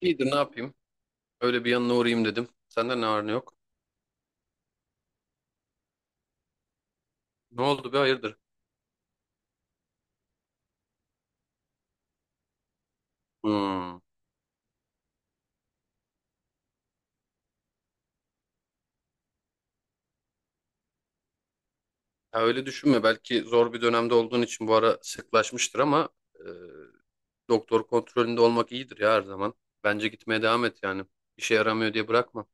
İyidir ne yapayım? Öyle bir yanına uğrayayım dedim. Senden ne var ne yok? Ne oldu be hayırdır? Hmm. Ha, öyle düşünme. Belki zor bir dönemde olduğun için bu ara sıklaşmıştır ama e, doktor kontrolünde olmak iyidir ya her zaman. Bence gitmeye devam et yani. İşe yaramıyor diye bırakma.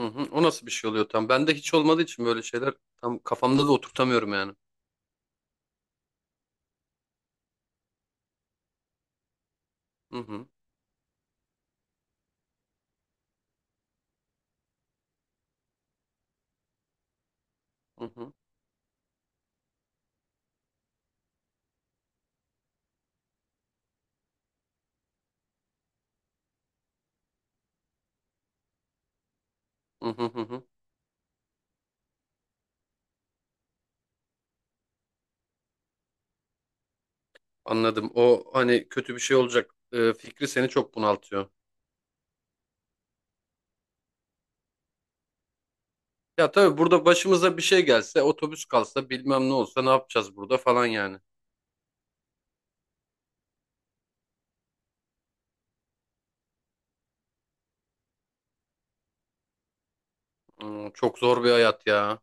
Hı hı. O nasıl bir şey oluyor tam? Bende hiç olmadığı için böyle şeyler tam kafamda da oturtamıyorum yani. Hı hı. Hı hı. Hı hı hı. Hı. Anladım. O hani kötü bir şey olacak fikri seni çok bunaltıyor. Ya tabii burada başımıza bir şey gelse, otobüs kalsa, bilmem ne olsa ne yapacağız burada falan yani. Çok zor bir hayat ya.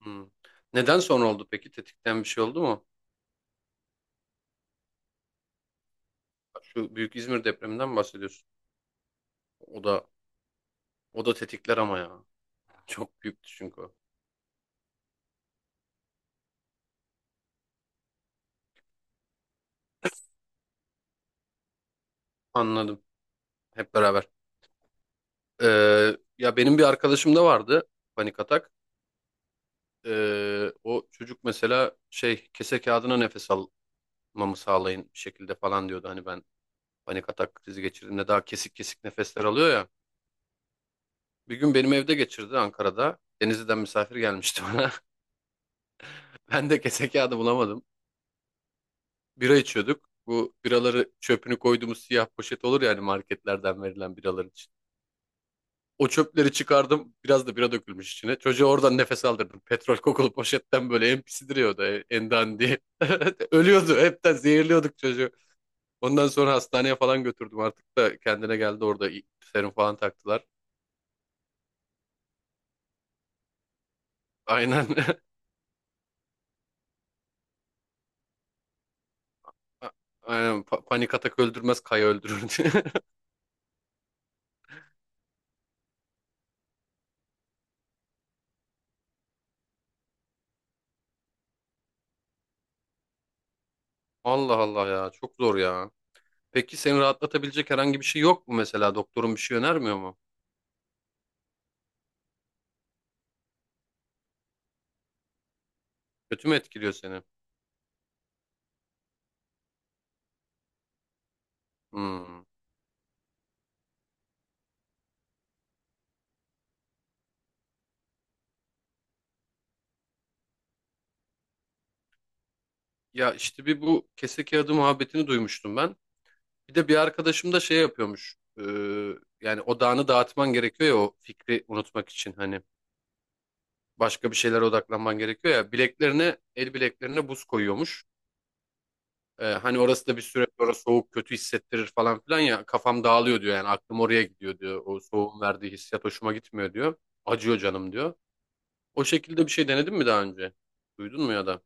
Hmm. Neden sonra oldu peki? Tetikten bir şey oldu mu? Şu büyük İzmir depreminden mi bahsediyorsun? O da o da tetikler ama ya. Çok büyüktü çünkü o. Anladım. Hep beraber. Ya benim bir arkadaşım da vardı, panik atak. O çocuk mesela şey kese kağıdına nefes almamı sağlayın bir şekilde falan diyordu. Hani ben panik atak krizi geçirdiğimde daha kesik kesik nefesler alıyor ya. Bir gün benim evde geçirdi, Ankara'da. Denizli'den misafir gelmişti bana. Ben de kese kağıdı bulamadım. Bira içiyorduk. Bu biraları çöpünü koyduğumuz siyah poşet olur yani, marketlerden verilen biralar için. O çöpleri çıkardım. Biraz da bira dökülmüş içine. Çocuğa oradan nefes aldırdım. Petrol kokulu poşetten böyle en pisi duruyordu. En dandiği. Ölüyordu. Hepten zehirliyorduk çocuğu. Ondan sonra hastaneye falan götürdüm. Artık da kendine geldi orada. Serum falan taktılar. Aynen. Aynen. Panik atak öldürmez, kaya öldürür diye. Allah Allah ya, çok zor ya. Peki seni rahatlatabilecek herhangi bir şey yok mu mesela? Doktorun bir şey önermiyor mu? Kötü mü etkiliyor seni? Hmm. Ya işte bir bu kese kağıdı muhabbetini duymuştum ben. Bir de bir arkadaşım da şey yapıyormuş. Yani odağını dağıtman gerekiyor ya, o fikri unutmak için. Hani başka bir şeylere odaklanman gerekiyor ya. Bileklerine, el bileklerine buz koyuyormuş. Hani orası da bir süre sonra soğuk kötü hissettirir falan filan ya, kafam dağılıyor diyor yani, aklım oraya gidiyor diyor. O soğuğun verdiği hissiyat hoşuma gitmiyor diyor. Acıyor canım diyor. O şekilde bir şey denedin mi daha önce? Duydun mu ya da?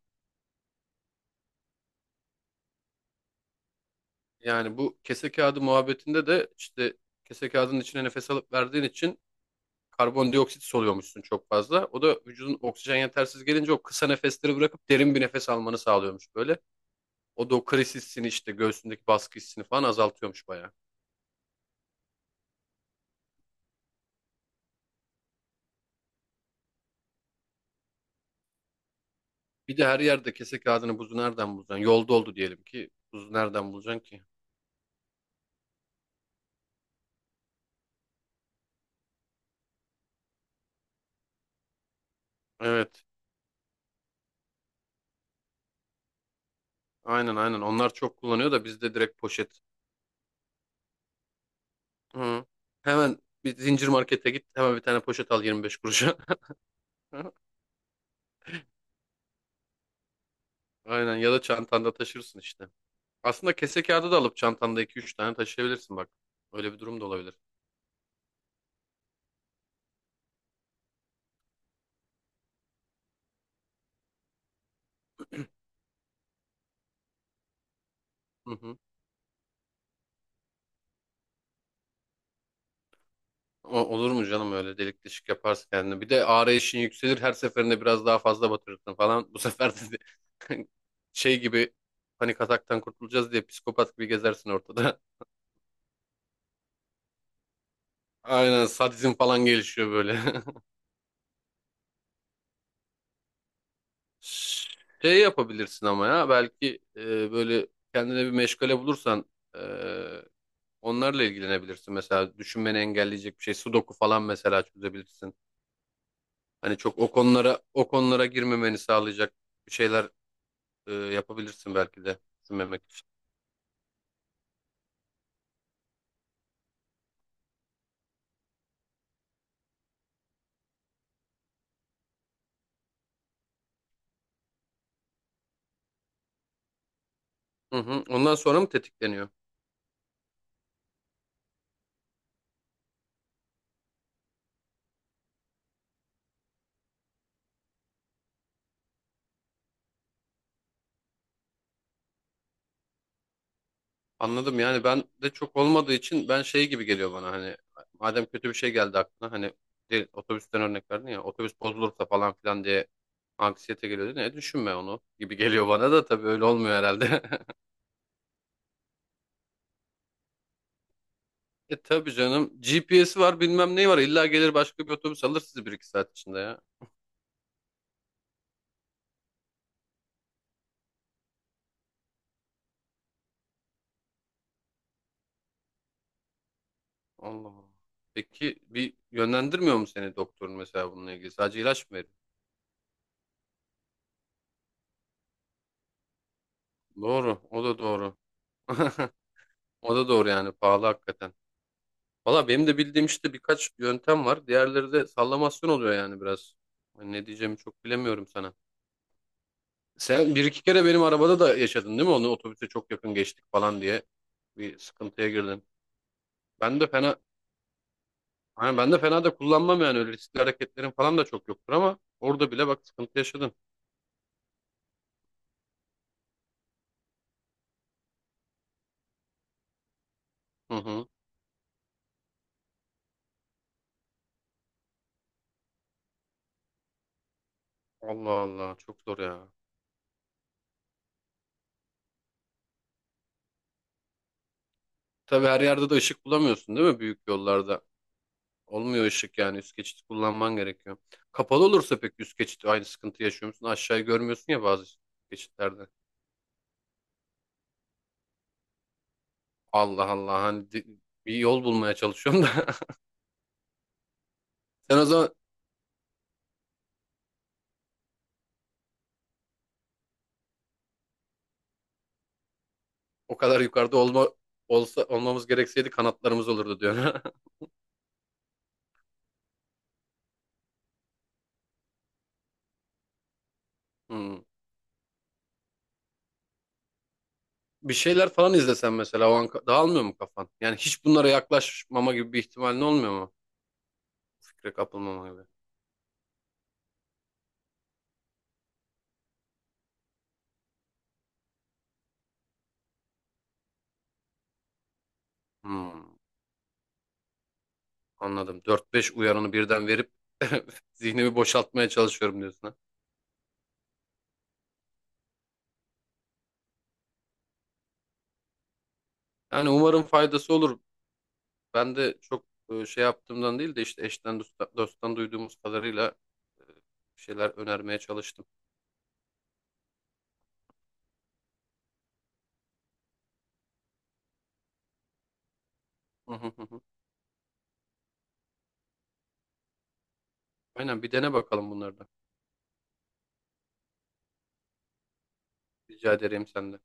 Yani bu kese kağıdı muhabbetinde de işte, kese kağıdının içine nefes alıp verdiğin için karbondioksit soluyormuşsun çok fazla. O da vücudun oksijen yetersiz gelince o kısa nefesleri bırakıp derin bir nefes almanı sağlıyormuş böyle. O da o kriz hissini işte, göğsündeki baskı hissini falan azaltıyormuş bayağı. Bir de her yerde kese kağıdını, buzu nereden bulacaksın? Yolda oldu diyelim ki, buzu nereden bulacaksın ki? Evet. Aynen, aynen. Onlar çok kullanıyor da bizde direkt poşet. Hı. Hemen bir zincir markete git. Hemen bir tane poşet al 25 kuruşa. Aynen, ya da çantanda taşırsın işte. Aslında kese kağıdı da alıp çantanda iki üç tane taşıyabilirsin bak. Öyle bir durum da olabilir. Hı hı. Olur mu canım, öyle delik deşik yaparsın kendini. Bir de arayışın yükselir, her seferinde biraz daha fazla batırırsın falan. Bu sefer de şey gibi, panik ataktan kurtulacağız diye psikopat gibi gezersin ortada. Aynen, sadizm falan gelişiyor böyle. Şey yapabilirsin ama, ya belki böyle kendine bir meşgale bulursan e, onlarla ilgilenebilirsin. Mesela düşünmeni engelleyecek bir şey, sudoku falan mesela çözebilirsin. Hani çok o konulara girmemeni sağlayacak bir şeyler yapabilirsin belki de, düşünmemek için. Hı hı. Ondan sonra mı tetikleniyor? Anladım, yani ben de çok olmadığı için ben şey gibi geliyor bana, hani madem kötü bir şey geldi aklına, hani otobüsten örnek verdin ya, otobüs bozulursa falan filan diye anksiyete geliyor, ne düşünme onu gibi geliyor bana da, tabii öyle olmuyor herhalde. E tabii canım, GPS'i var, bilmem neyi var, illa gelir başka bir otobüs, alır sizi bir iki saat içinde ya. Allah Allah. Peki bir yönlendirmiyor mu seni doktorun mesela, bununla ilgili sadece ilaç mı veriyor? Doğru, o da doğru. O da doğru, yani pahalı hakikaten. Valla benim de bildiğim işte birkaç yöntem var. Diğerleri de sallamasyon oluyor yani, biraz. Hani ne diyeceğimi çok bilemiyorum sana. Sen bir iki kere benim arabada da yaşadın değil mi? Onu, otobüse çok yakın geçtik falan diye bir sıkıntıya girdin. Ben de fena Hani ben de fena da kullanmam yani, öyle riskli hareketlerim falan da çok yoktur ama orada bile bak sıkıntı yaşadın. Hı hı. Allah Allah, çok zor ya. Tabii her yerde de ışık bulamıyorsun değil mi, büyük yollarda? Olmuyor ışık, yani üst geçit kullanman gerekiyor. Kapalı olursa pek üst geçit aynı sıkıntı yaşıyor musun? Aşağıyı görmüyorsun ya bazı geçitlerde. Allah Allah, hani bir yol bulmaya çalışıyorum da. Sen o zaman o kadar yukarıda olsa olmamız gerekseydi kanatlarımız olurdu diyorsun. Hmm. Bir şeyler falan izlesen mesela, o an dağılmıyor mu kafan? Yani hiç bunlara yaklaşmama gibi bir ihtimalin olmuyor mu? Fikre kapılmama gibi. Hmm, anladım. Dört beş uyarını birden verip zihnimi boşaltmaya çalışıyorum diyorsun, ha. Yani umarım faydası olur. Ben de çok şey yaptığımdan değil de, işte dosttan duyduğumuz kadarıyla e, bir şeyler önermeye çalıştım. Hı hı, hı hı. Aynen, bir dene bakalım bunları da. Rica ederim senden.